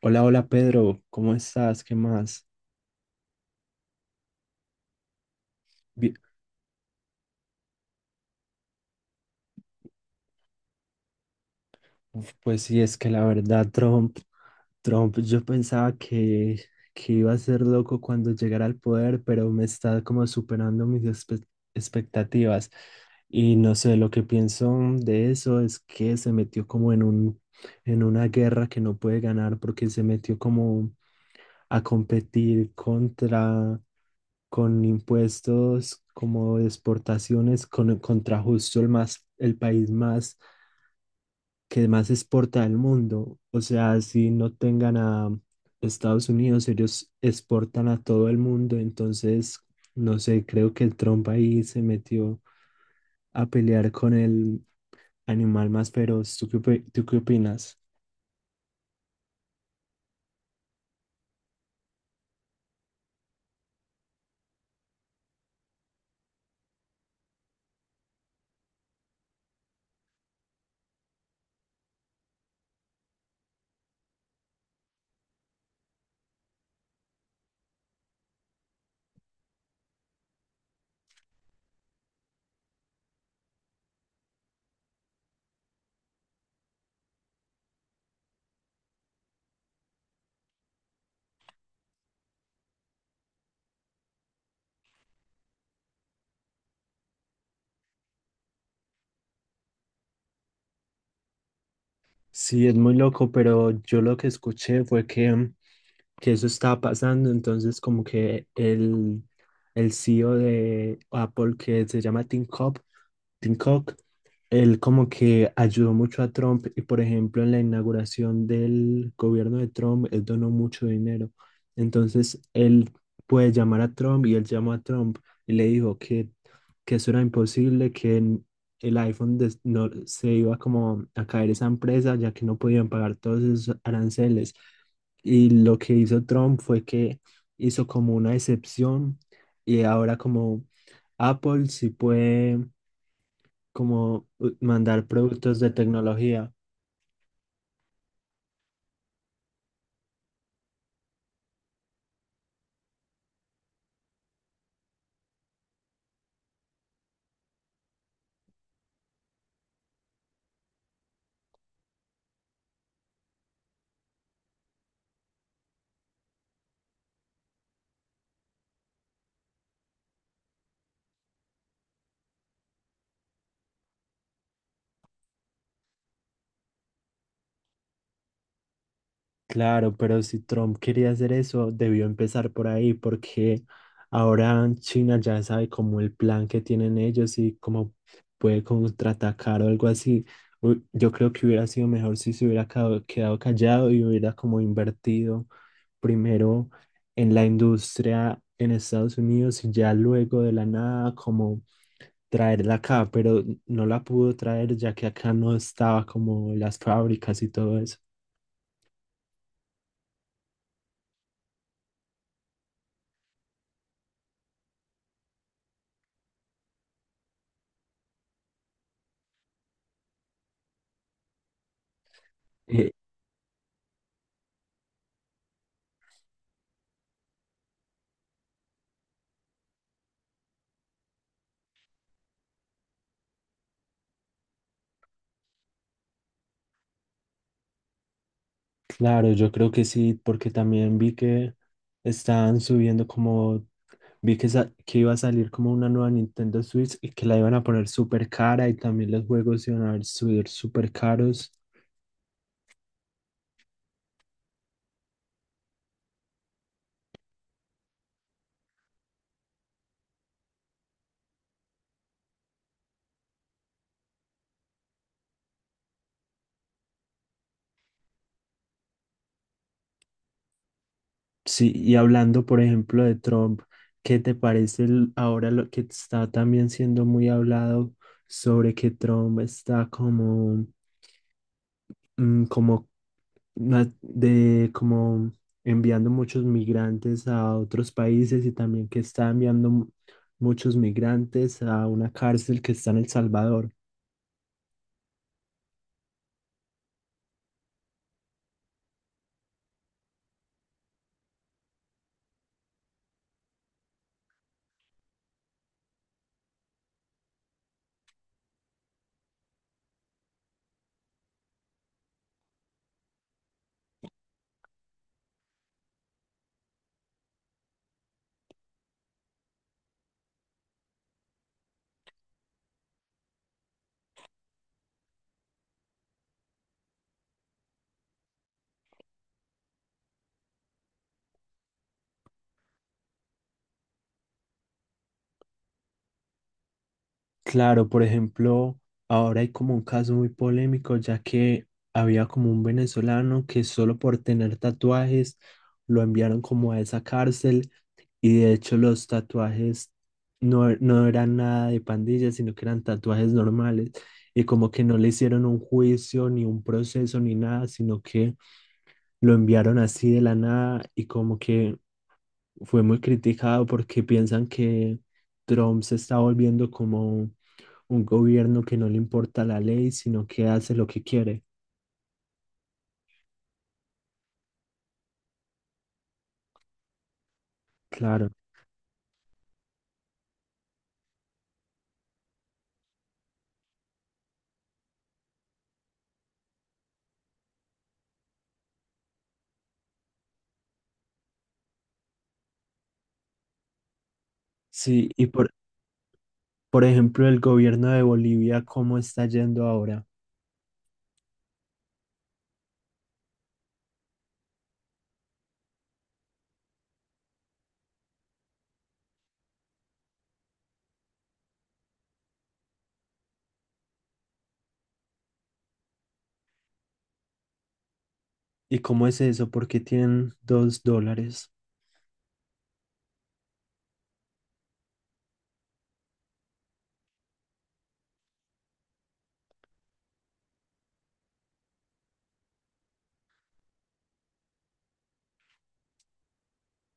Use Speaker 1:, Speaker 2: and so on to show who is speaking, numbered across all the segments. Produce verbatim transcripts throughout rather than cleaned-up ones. Speaker 1: Hola, hola Pedro, ¿cómo estás? ¿Qué más? Bi- Uf, pues sí, es que la verdad, Trump, Trump, yo pensaba que, que iba a ser loco cuando llegara al poder, pero me está como superando mis espe- expectativas. Y no sé, lo que pienso de eso es que se metió como en un, en una guerra que no puede ganar porque se metió como a competir contra con impuestos como de exportaciones con, contra justo el más, el país más que más exporta del mundo. O sea, si no tengan a Estados Unidos, ellos exportan a todo el mundo. Entonces, no sé, creo que Trump ahí se metió a pelear con el animal más feroz. ¿Tú qué, opi- tú qué opinas? Sí, es muy loco, pero yo lo que escuché fue que que eso estaba pasando, entonces como que el, el C E O de Apple, que se llama Tim Cook, Tim Cook, él como que ayudó mucho a Trump y por ejemplo en la inauguración del gobierno de Trump, él donó mucho dinero. Entonces él puede llamar a Trump y él llamó a Trump y le dijo que, que eso era imposible, que en- el iPhone des- no, se iba como a caer esa empresa ya que no podían pagar todos esos aranceles. Y lo que hizo Trump fue que hizo como una excepción y ahora como Apple sí puede como uh, mandar productos de tecnología. Claro, pero si Trump quería hacer eso, debió empezar por ahí, porque ahora China ya sabe como el plan que tienen ellos y cómo puede contraatacar o algo así. Uy, yo creo que hubiera sido mejor si se hubiera quedado quedado callado y hubiera como invertido primero en la industria en Estados Unidos y ya luego de la nada como traerla acá, pero no la pudo traer ya que acá no estaba como las fábricas y todo eso. Eh, claro, yo creo que sí, porque también vi que estaban subiendo como, vi que, sa- que iba a salir como una nueva Nintendo Switch y que la iban a poner súper cara y también los juegos iban a subir súper caros. Sí, y hablando, por ejemplo, de Trump, ¿qué te parece el- ahora lo que está también siendo muy hablado sobre que Trump está como mm, como na- de como enviando muchos migrantes a otros países y también que está enviando mu- muchos migrantes a una cárcel que está en El Salvador. Claro, por ejemplo, ahora hay como un caso muy polémico, ya que había como un venezolano que solo por tener tatuajes lo enviaron como a esa cárcel. Y de hecho los tatuajes no, e, no eran nada de pandillas, sino que eran tatuajes normales. Y como que no le hicieron un juicio, ni un proceso, ni nada, sino que lo enviaron así de la nada y como que fue muy criticado porque piensan que Trump se está volviendo como un gobierno que no le importa la ley, sino que hace lo que quiere. Claro. Sí, y por, por ejemplo, el gobierno de Bolivia, ¿cómo está yendo ahora? ¿Y cómo es eso? ¿Por qué tienen dos dólares?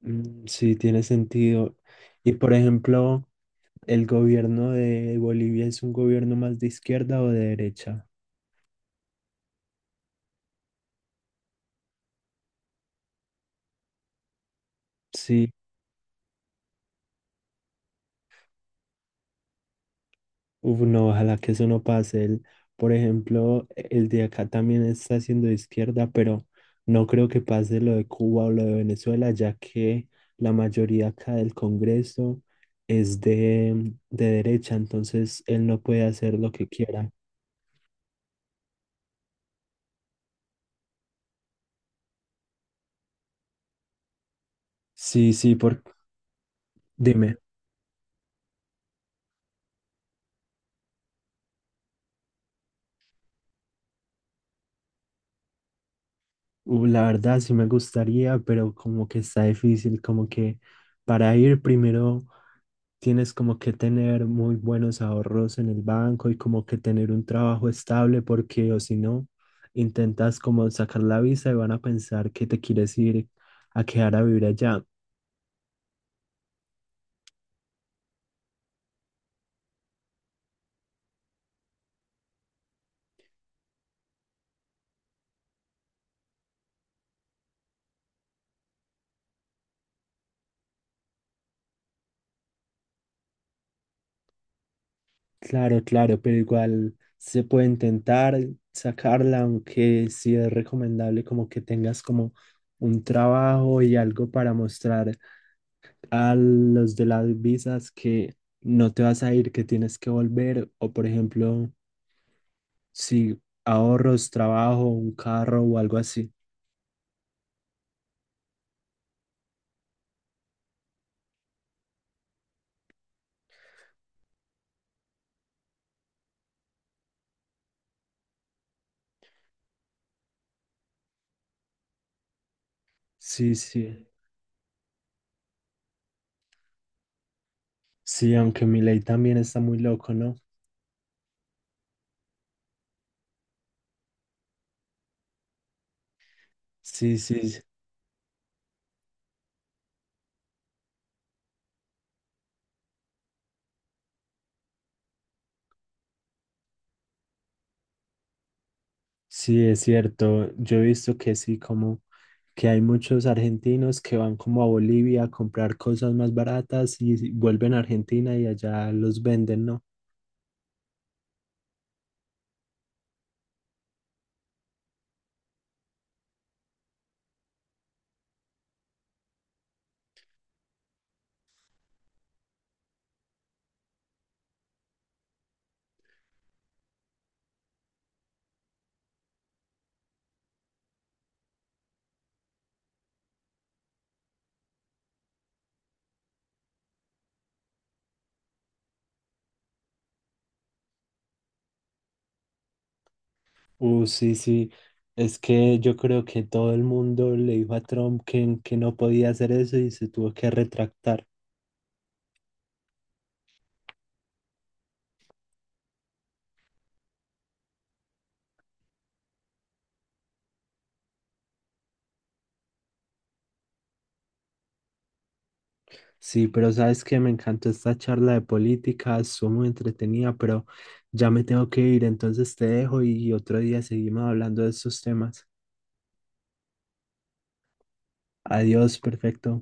Speaker 1: Mm, sí, tiene sentido. Y por ejemplo, ¿el gobierno de Bolivia es un gobierno más de izquierda o de derecha? Sí, uf, no, ojalá que eso no pase. El- por ejemplo, el de acá también está siendo de izquierda, pero no creo que pase lo de Cuba o lo de Venezuela, ya que la mayoría acá del Congreso es de, de derecha, entonces él no puede hacer lo que quiera. Sí, sí, por- dime. Uh, la verdad sí me gustaría, pero como que está difícil, como que para ir primero tienes como que tener muy buenos ahorros en el banco y como que tener un trabajo estable porque o si no, intentas como sacar la visa y van a pensar que te quieres ir a quedar a vivir allá. Claro, claro, pero igual se puede intentar sacarla, aunque sí es recomendable como que tengas como un trabajo y algo para mostrar a los de las visas que no te vas a ir, que tienes que volver, o por ejemplo, si ahorros, trabajo, un carro o algo así. Sí, sí, sí, aunque mi ley también está muy loco, ¿no? Sí, sí, sí, sí, es cierto. Yo he visto que sí, como que hay muchos argentinos que van como a Bolivia a comprar cosas más baratas y vuelven a Argentina y allá los venden, ¿no? Uh, sí, sí. Es que yo creo que todo el mundo le dijo a Trump que, que no podía hacer eso y se tuvo que retractar. Sí, pero sabes que me encantó esta charla de política, estuvo muy entretenida, pero ya me tengo que ir, entonces te dejo y otro día seguimos hablando de estos temas. Adiós, perfecto.